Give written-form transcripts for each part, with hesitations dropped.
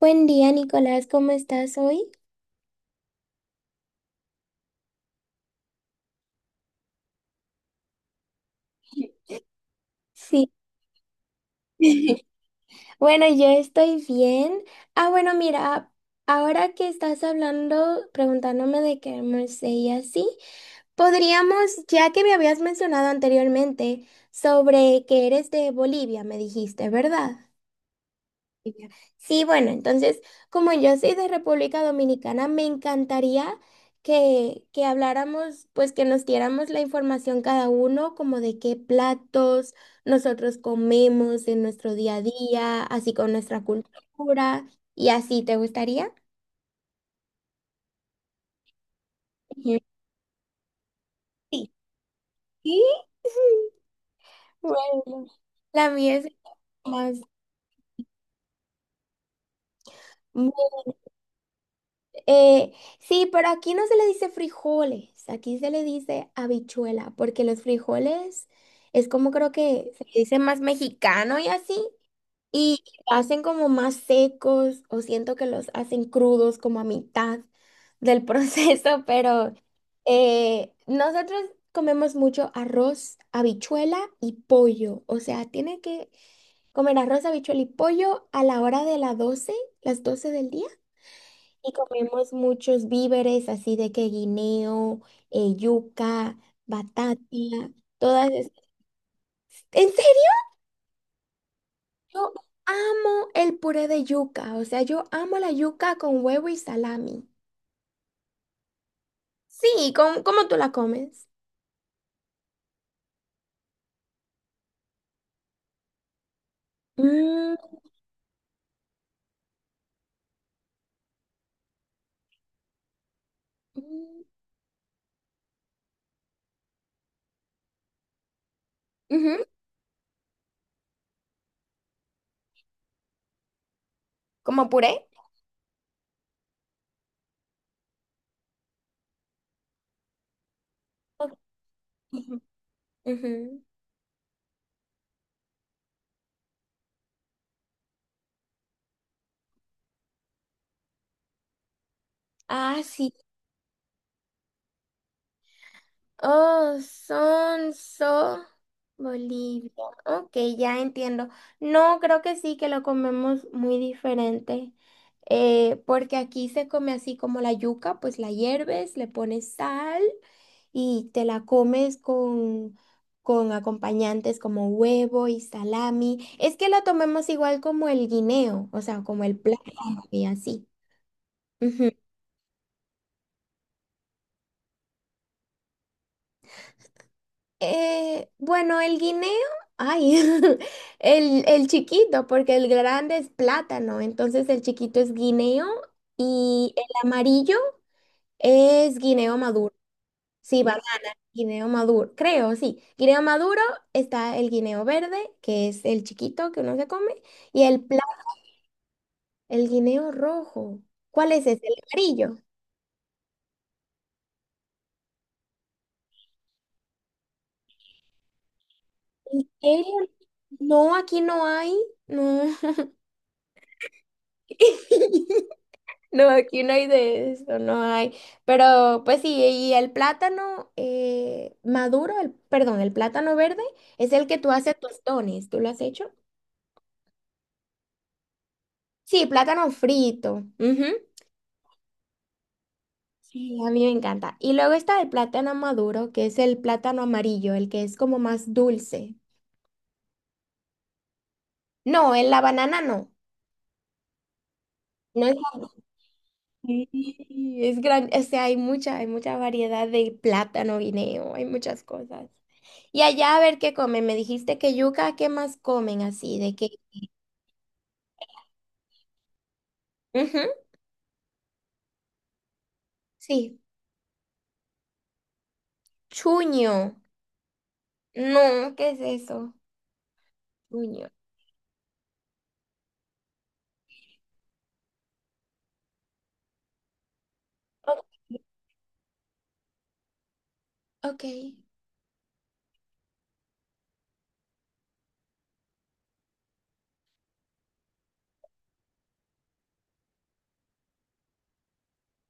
Buen día, Nicolás, ¿cómo estás hoy? Sí. Bueno, yo estoy bien. Ah, bueno, mira, ahora que estás hablando, preguntándome de qué almorcé y así, podríamos, ya que me habías mencionado anteriormente sobre que eres de Bolivia, me dijiste, ¿verdad? Y yo, Sí, bueno, entonces, como yo soy de República Dominicana, me encantaría que habláramos, pues que nos diéramos la información cada uno, como de qué platos nosotros comemos en nuestro día a día, así con nuestra cultura y así, ¿te gustaría? Ujú. Sí. Sí. Bueno, la mía es más, Eh, sí, pero aquí no se le dice frijoles, aquí se le dice habichuela, porque los frijoles es como creo que se le dice más mexicano y así, y hacen como más secos, o siento que los hacen crudos como a mitad del proceso, pero nosotros comemos mucho arroz, habichuela y pollo, o sea, tiene que comer arroz, habichuela y pollo a la hora de las 12 del día. Y comemos muchos víveres, así de que guineo, yuca, batata, todas esas. En serio, yo amo el puré de yuca. O sea, yo amo la yuca con huevo y salami. Sí, ¿cómo tú la comes? Mm. Mm. Ujú. ¿Como puré? Ok. Ujú. Ujú. Ah, sí. Oh, Sonso, Bolivia. Ok, ya entiendo. No, creo que sí, que lo comemos muy diferente. Porque aquí se come así como la yuca, pues la hierves, le pones sal y te la comes con, acompañantes como huevo y salami. Es que la tomemos igual como el guineo, o sea, como el plátano y así. Bueno, el guineo, ay, el chiquito, porque el grande es plátano, entonces el chiquito es guineo y el amarillo es guineo maduro. Sí, banana, guineo maduro, creo, sí. Guineo maduro está el guineo verde, que es el chiquito que uno se come, y el guineo rojo. ¿Cuál es ese? El amarillo. ¿En serio? No, aquí no hay. No. No, aquí no hay de eso, no hay. Pero pues sí, y el plátano maduro, el, perdón, el plátano verde es el que tú haces tostones. ¿Tú lo has hecho? Sí, plátano frito. Ujú. Sí, a mí me encanta. Y luego está el plátano maduro, que es el plátano amarillo, el que es como más dulce. No, en la banana no. No es Sí, es grande, o sea, hay mucha, variedad de plátano, guineo, hay muchas cosas. Y allá a ver qué comen, me dijiste que yuca, ¿qué más comen así? ¿De qué? Ujú. Sí, chuño. No, ¿qué es eso? Chuño. O- Ok.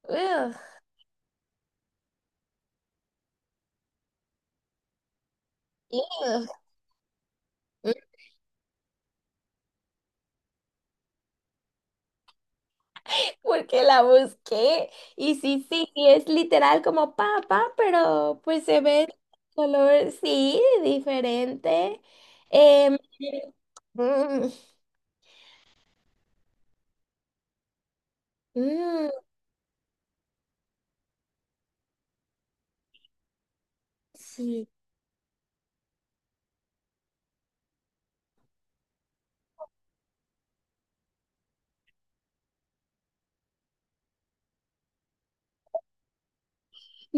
Ugh, ugh. Mm, Porque la busqué. Y sí, sí, sí, es literal como papa, pero pues se ve el color, sí, diferente. Em, Mm. Mm, sí.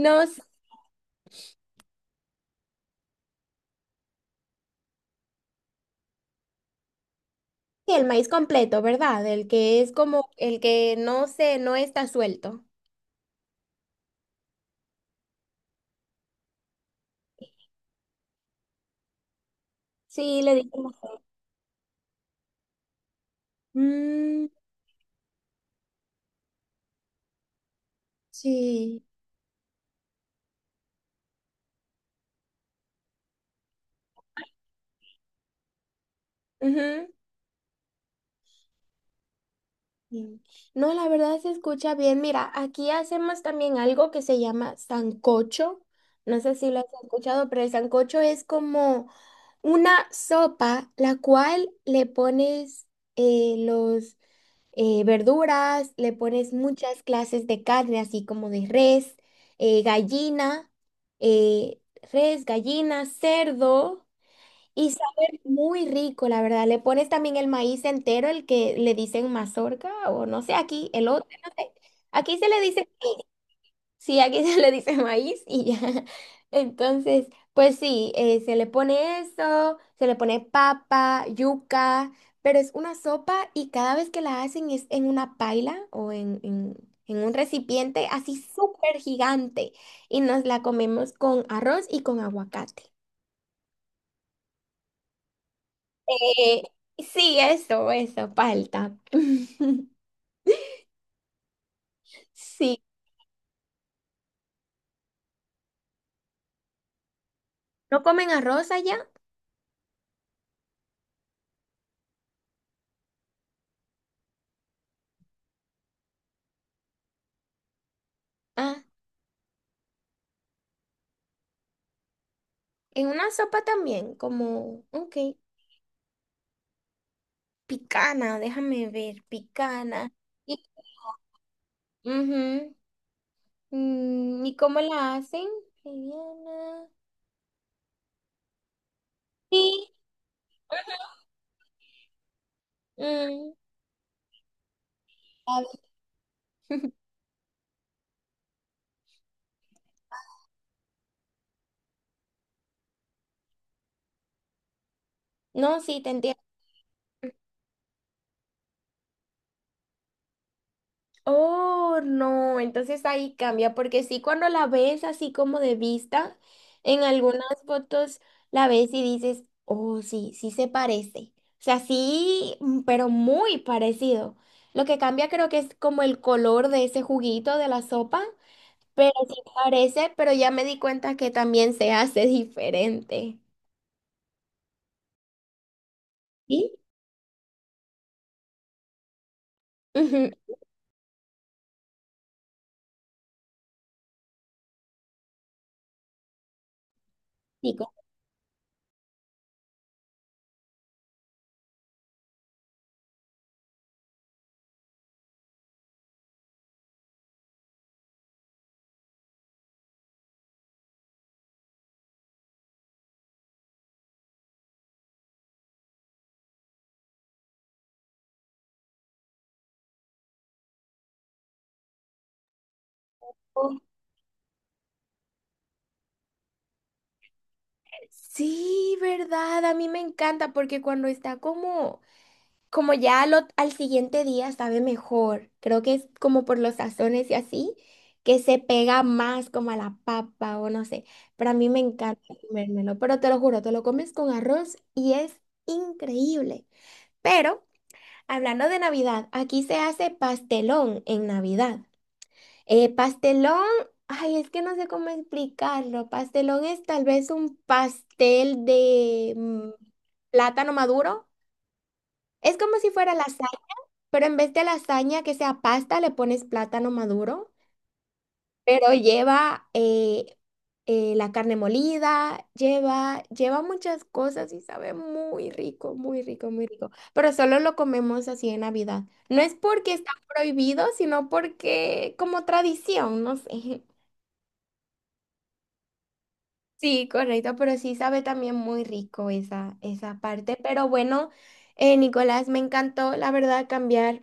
No sé, el maíz completo, ¿verdad? El que es como el que no está suelto. Sí, le dije mejor. Mm, sí. Ujú. Sí. No, la verdad se escucha bien. Mira, aquí hacemos también algo que se llama sancocho. No sé si lo has escuchado, pero el sancocho es como una sopa, la cual le pones los verduras, le pones muchas clases de carne, así como de res, gallina, eh, res, gallina, cerdo, y sabe muy rico, la verdad. Le pones también el maíz entero, el que le dicen mazorca, o no sé, aquí, el otro, no sé. Aquí se le dice Sí, aquí se le dice maíz y ya. Entonces, pues sí, se le pone eso, se le pone papa, yuca, pero es una sopa y cada vez que la hacen es en una paila o en un recipiente así súper gigante y nos la comemos con arroz y con aguacate. Eh, sí, eso, palta. Sí. ¿No comen arroz allá? Ah, en una sopa también, como, ok. Picana, déjame ver, picana. Y, Ujú. ¿Y cómo la hacen? Liviana. Sí. mm, a ver. No, sí, te entiendo. Oh, no, entonces ahí cambia, porque sí, cuando la ves así como de vista, en algunas fotos la ves y dices, oh, sí, sí se parece. O sea, sí, pero muy parecido. Lo que cambia creo que es como el color de ese juguito de la sopa. Pero sí parece, pero ya me di cuenta que también se hace diferente. ¿Sí? Ujú. Sí, como- sí, verdad, a mí me encanta porque cuando está como ya al siguiente día sabe mejor. Creo que es como por los sazones y así, que se pega más como a la papa o no sé. Pero a mí me encanta comérmelo, pero te lo juro, te lo comes con arroz y es increíble. Pero hablando de Navidad, aquí se hace pastelón en Navidad. Pastelón, ay, es que no sé cómo explicarlo. Pastelón es tal vez un pastel de plátano maduro. Es como si fuera lasaña, pero en vez de lasaña que sea pasta, le pones plátano maduro, pero lleva la carne molida, lleva muchas cosas y sabe muy rico, muy rico, muy rico. Pero solo lo comemos así en Navidad. No es porque está prohibido, sino porque como tradición, no sé. Sí, correcto, pero sí sabe también muy rico esa parte. Pero bueno, Nicolás, me encantó, la verdad, cambiar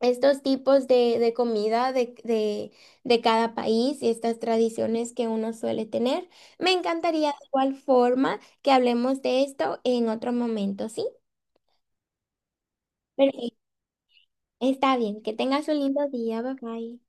estos tipos de comida de cada país y estas tradiciones que uno suele tener. Me encantaría de igual forma que hablemos de esto en otro momento, ¿sí? Perfecto, está bien, que tengas un lindo día, bye bye.